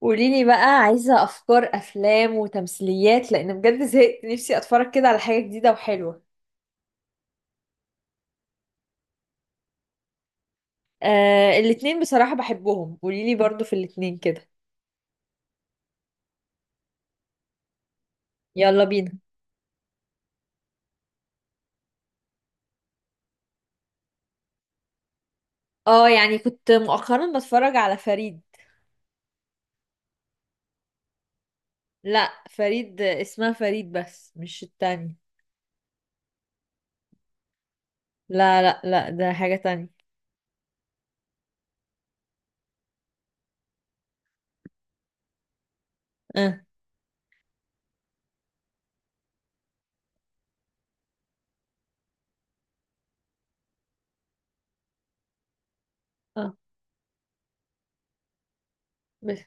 قوليلي بقى عايزة أفكار أفلام وتمثيليات لأن بجد زهقت نفسي أتفرج كده على حاجة جديدة وحلوة. آه، الاتنين بصراحة بحبهم، قوليلي برضو في الاتنين كده. يلا بينا. اه، يعني كنت مؤخرا بتفرج على فريد. لا، فريد اسمها فريد بس مش التاني. لا لا لا، ده حاجة تانية. اه. اه، بس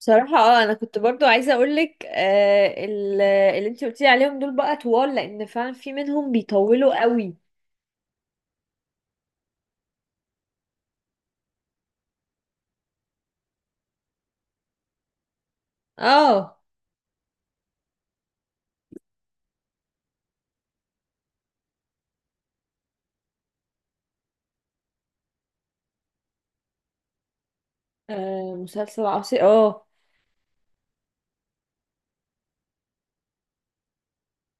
بصراحة انا كنت برضو عايزة اقولك، اللي انتي قلتي عليهم دول بقى طوال لان فعلا في منهم بيطولوا قوي. اه. آه، مسلسل عصي اه.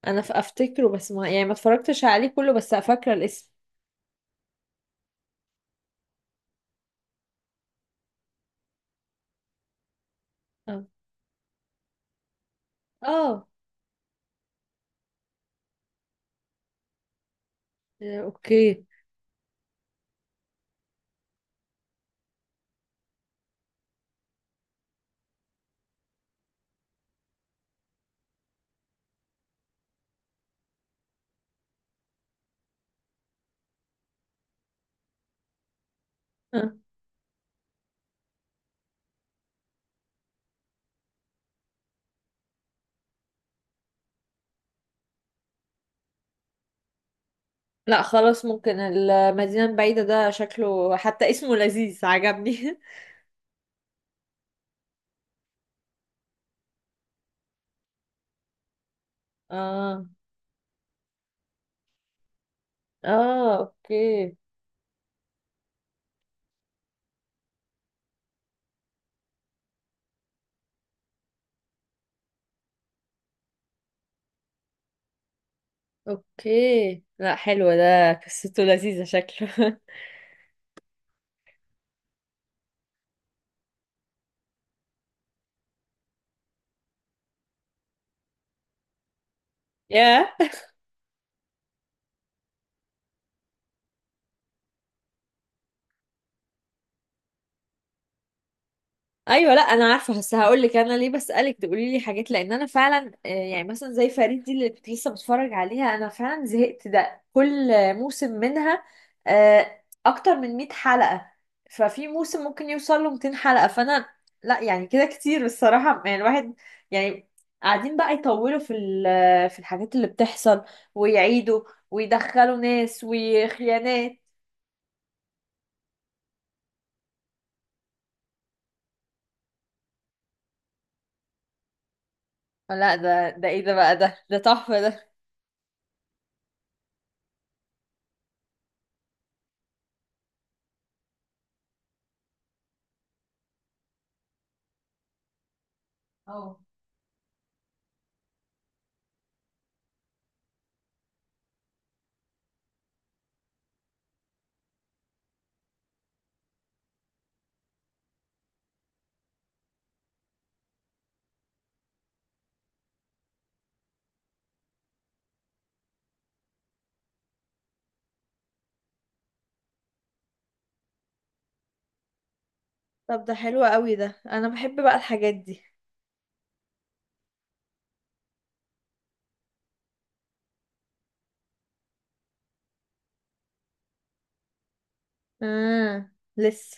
انا افتكره، بس ما يعني ما اتفرجتش عليه كله، بس فاكره الاسم. اه. اه. آه، اوكي. آه. لا خلاص، ممكن المدينه البعيده ده، شكله حتى اسمه لذيذ عجبني. اه اه اوكي اوكي، لا حلو، ده قصته لذيذه شكله. ياه. ايوه، لا انا عارفه، بس هقول لك انا ليه بسالك تقولي لي حاجات، لان انا فعلا، يعني مثلا زي فريد دي اللي كنت لسه بتفرج عليها انا فعلا زهقت، ده كل موسم منها اكتر من 100 حلقه، ففي موسم ممكن يوصل له 200 حلقه، فانا لا يعني كده كتير الصراحه. يعني الواحد، يعني قاعدين بقى يطولوا في الحاجات اللي بتحصل ويعيدوا ويدخلوا ناس وخيانات. لا، ده ده ايه ده، بقى ده تحفه ده. اه. طب ده حلو قوي، ده انا بحب بقى الحاجات دي. لسه.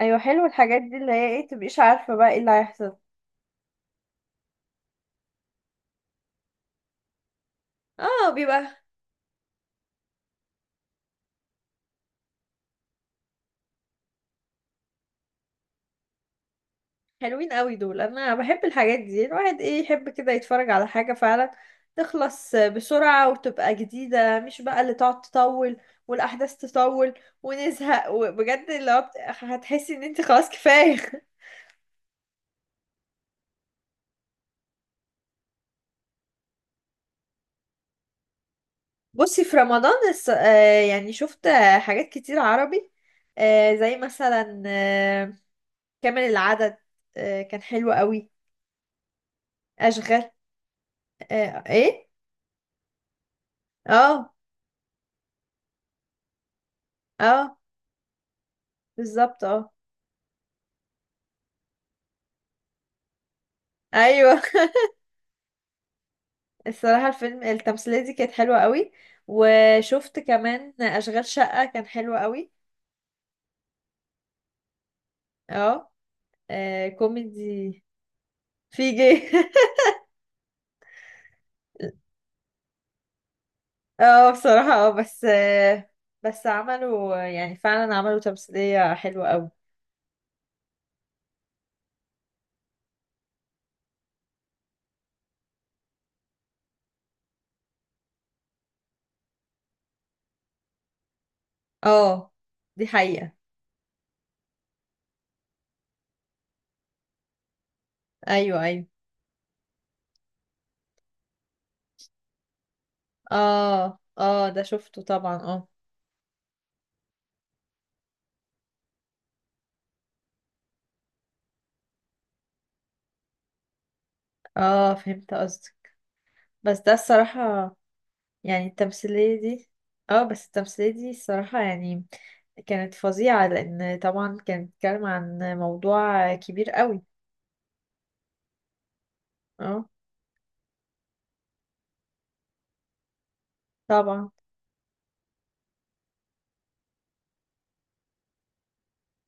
ايوه، حلو الحاجات دي اللي هي ايه، تبقيش عارفه بقى ايه اللي هيحصل. اه، بيبقى حلوين قوي دول، انا بحب الحاجات دي، الواحد ايه يحب كده يتفرج على حاجه فعلا تخلص بسرعه وتبقى جديده، مش بقى اللي تقعد تطول والاحداث تطول ونزهق، وبجد هتحسي ان انت خلاص كفايه. بصي في رمضان يعني شفت حاجات كتير عربي، زي مثلا كامل العدد. آه، كان حلو قوي. اشغال. آه، ايه. اه. اه، بالظبط اه. ايوه. الصراحه الفيلم التمثيليه دي كانت حلوه قوي، وشفت كمان اشغال شقه كان حلو قوي. اه. آه، كوميدي. في جي. اه بصراحه اه، بس بس عملوا يعني فعلا عملوا تمثيليه حلوه قوي. اه، دي حقيقه. ايوه ايوه. اه اه، ده شفته طبعا اه. اه، فهمت قصدك. بس ده الصراحة يعني التمثيلية دي، اه، بس التمثيلية دي الصراحة يعني كانت فظيعة، لأن طبعا كانت بتتكلم عن موضوع كبير قوي. اه، طبعا.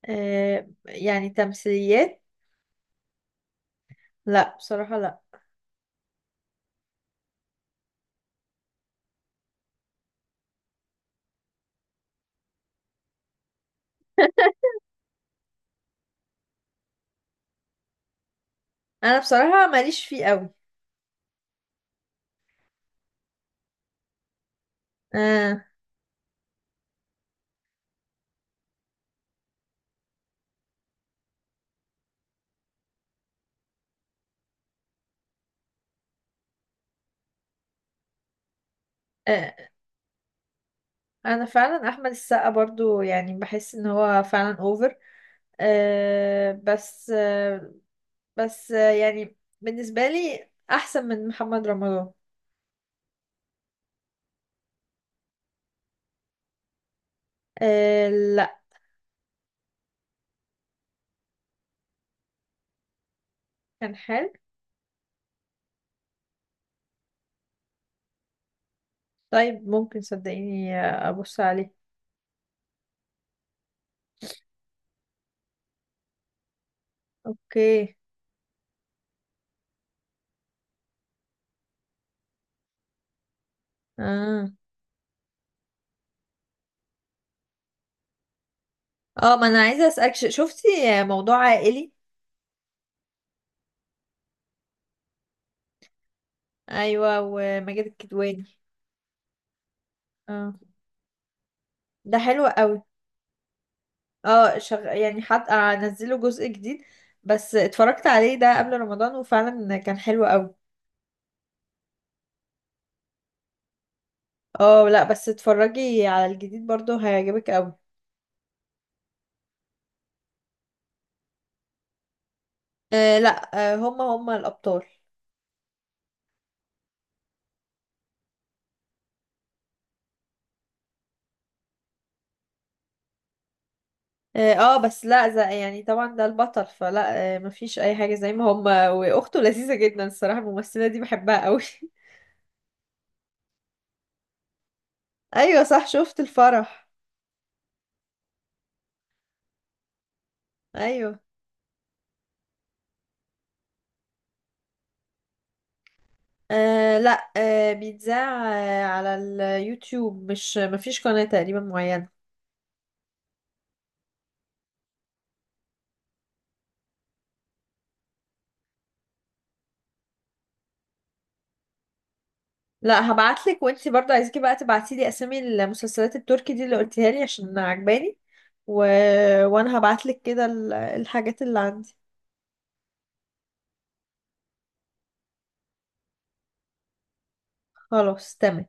آه، يعني تمثيليات؟ لا بصراحة لا. أنا بصراحة ماليش فيه قوي. آه. آه، أنا فعلا أحمد السقا برضو يعني بحس إن هو فعلا أوفر. آه، بس يعني بالنسبة لي أحسن من محمد رمضان. آه لا، كان حلو. طيب ممكن صدقيني ابص عليه. اوكي. اه. اه، ما انا عايزه اسالك شفتي موضوع عائلي؟ ايوه، وماجد الكدواني. اه. ده حلو قوي. اه، يعني حد انزله جزء جديد، بس اتفرجت عليه ده قبل رمضان وفعلا كان حلو قوي. اه لا، بس اتفرجي على الجديد برضو هيعجبك قوي. آه لا، آه هما هما الابطال. اه، بس لا زي يعني طبعا ده البطل، فلا مفيش اي حاجة، زي ما هما واخته لذيذة جدا الصراحة، الممثلة دي بحبها قوي. ايوه صح، شفت الفرح. ايوه. لا بيتذاع على اليوتيوب، مش مفيش قناة تقريبا معينة. لا هبعتلك، وانتي برضه عايزاكي بقى تبعتيلي اسامي المسلسلات التركي دي اللي قلتيها لي عشان عجباني، و... وانا هبعتلك كده الحاجات اللي عندي. خلاص تمام.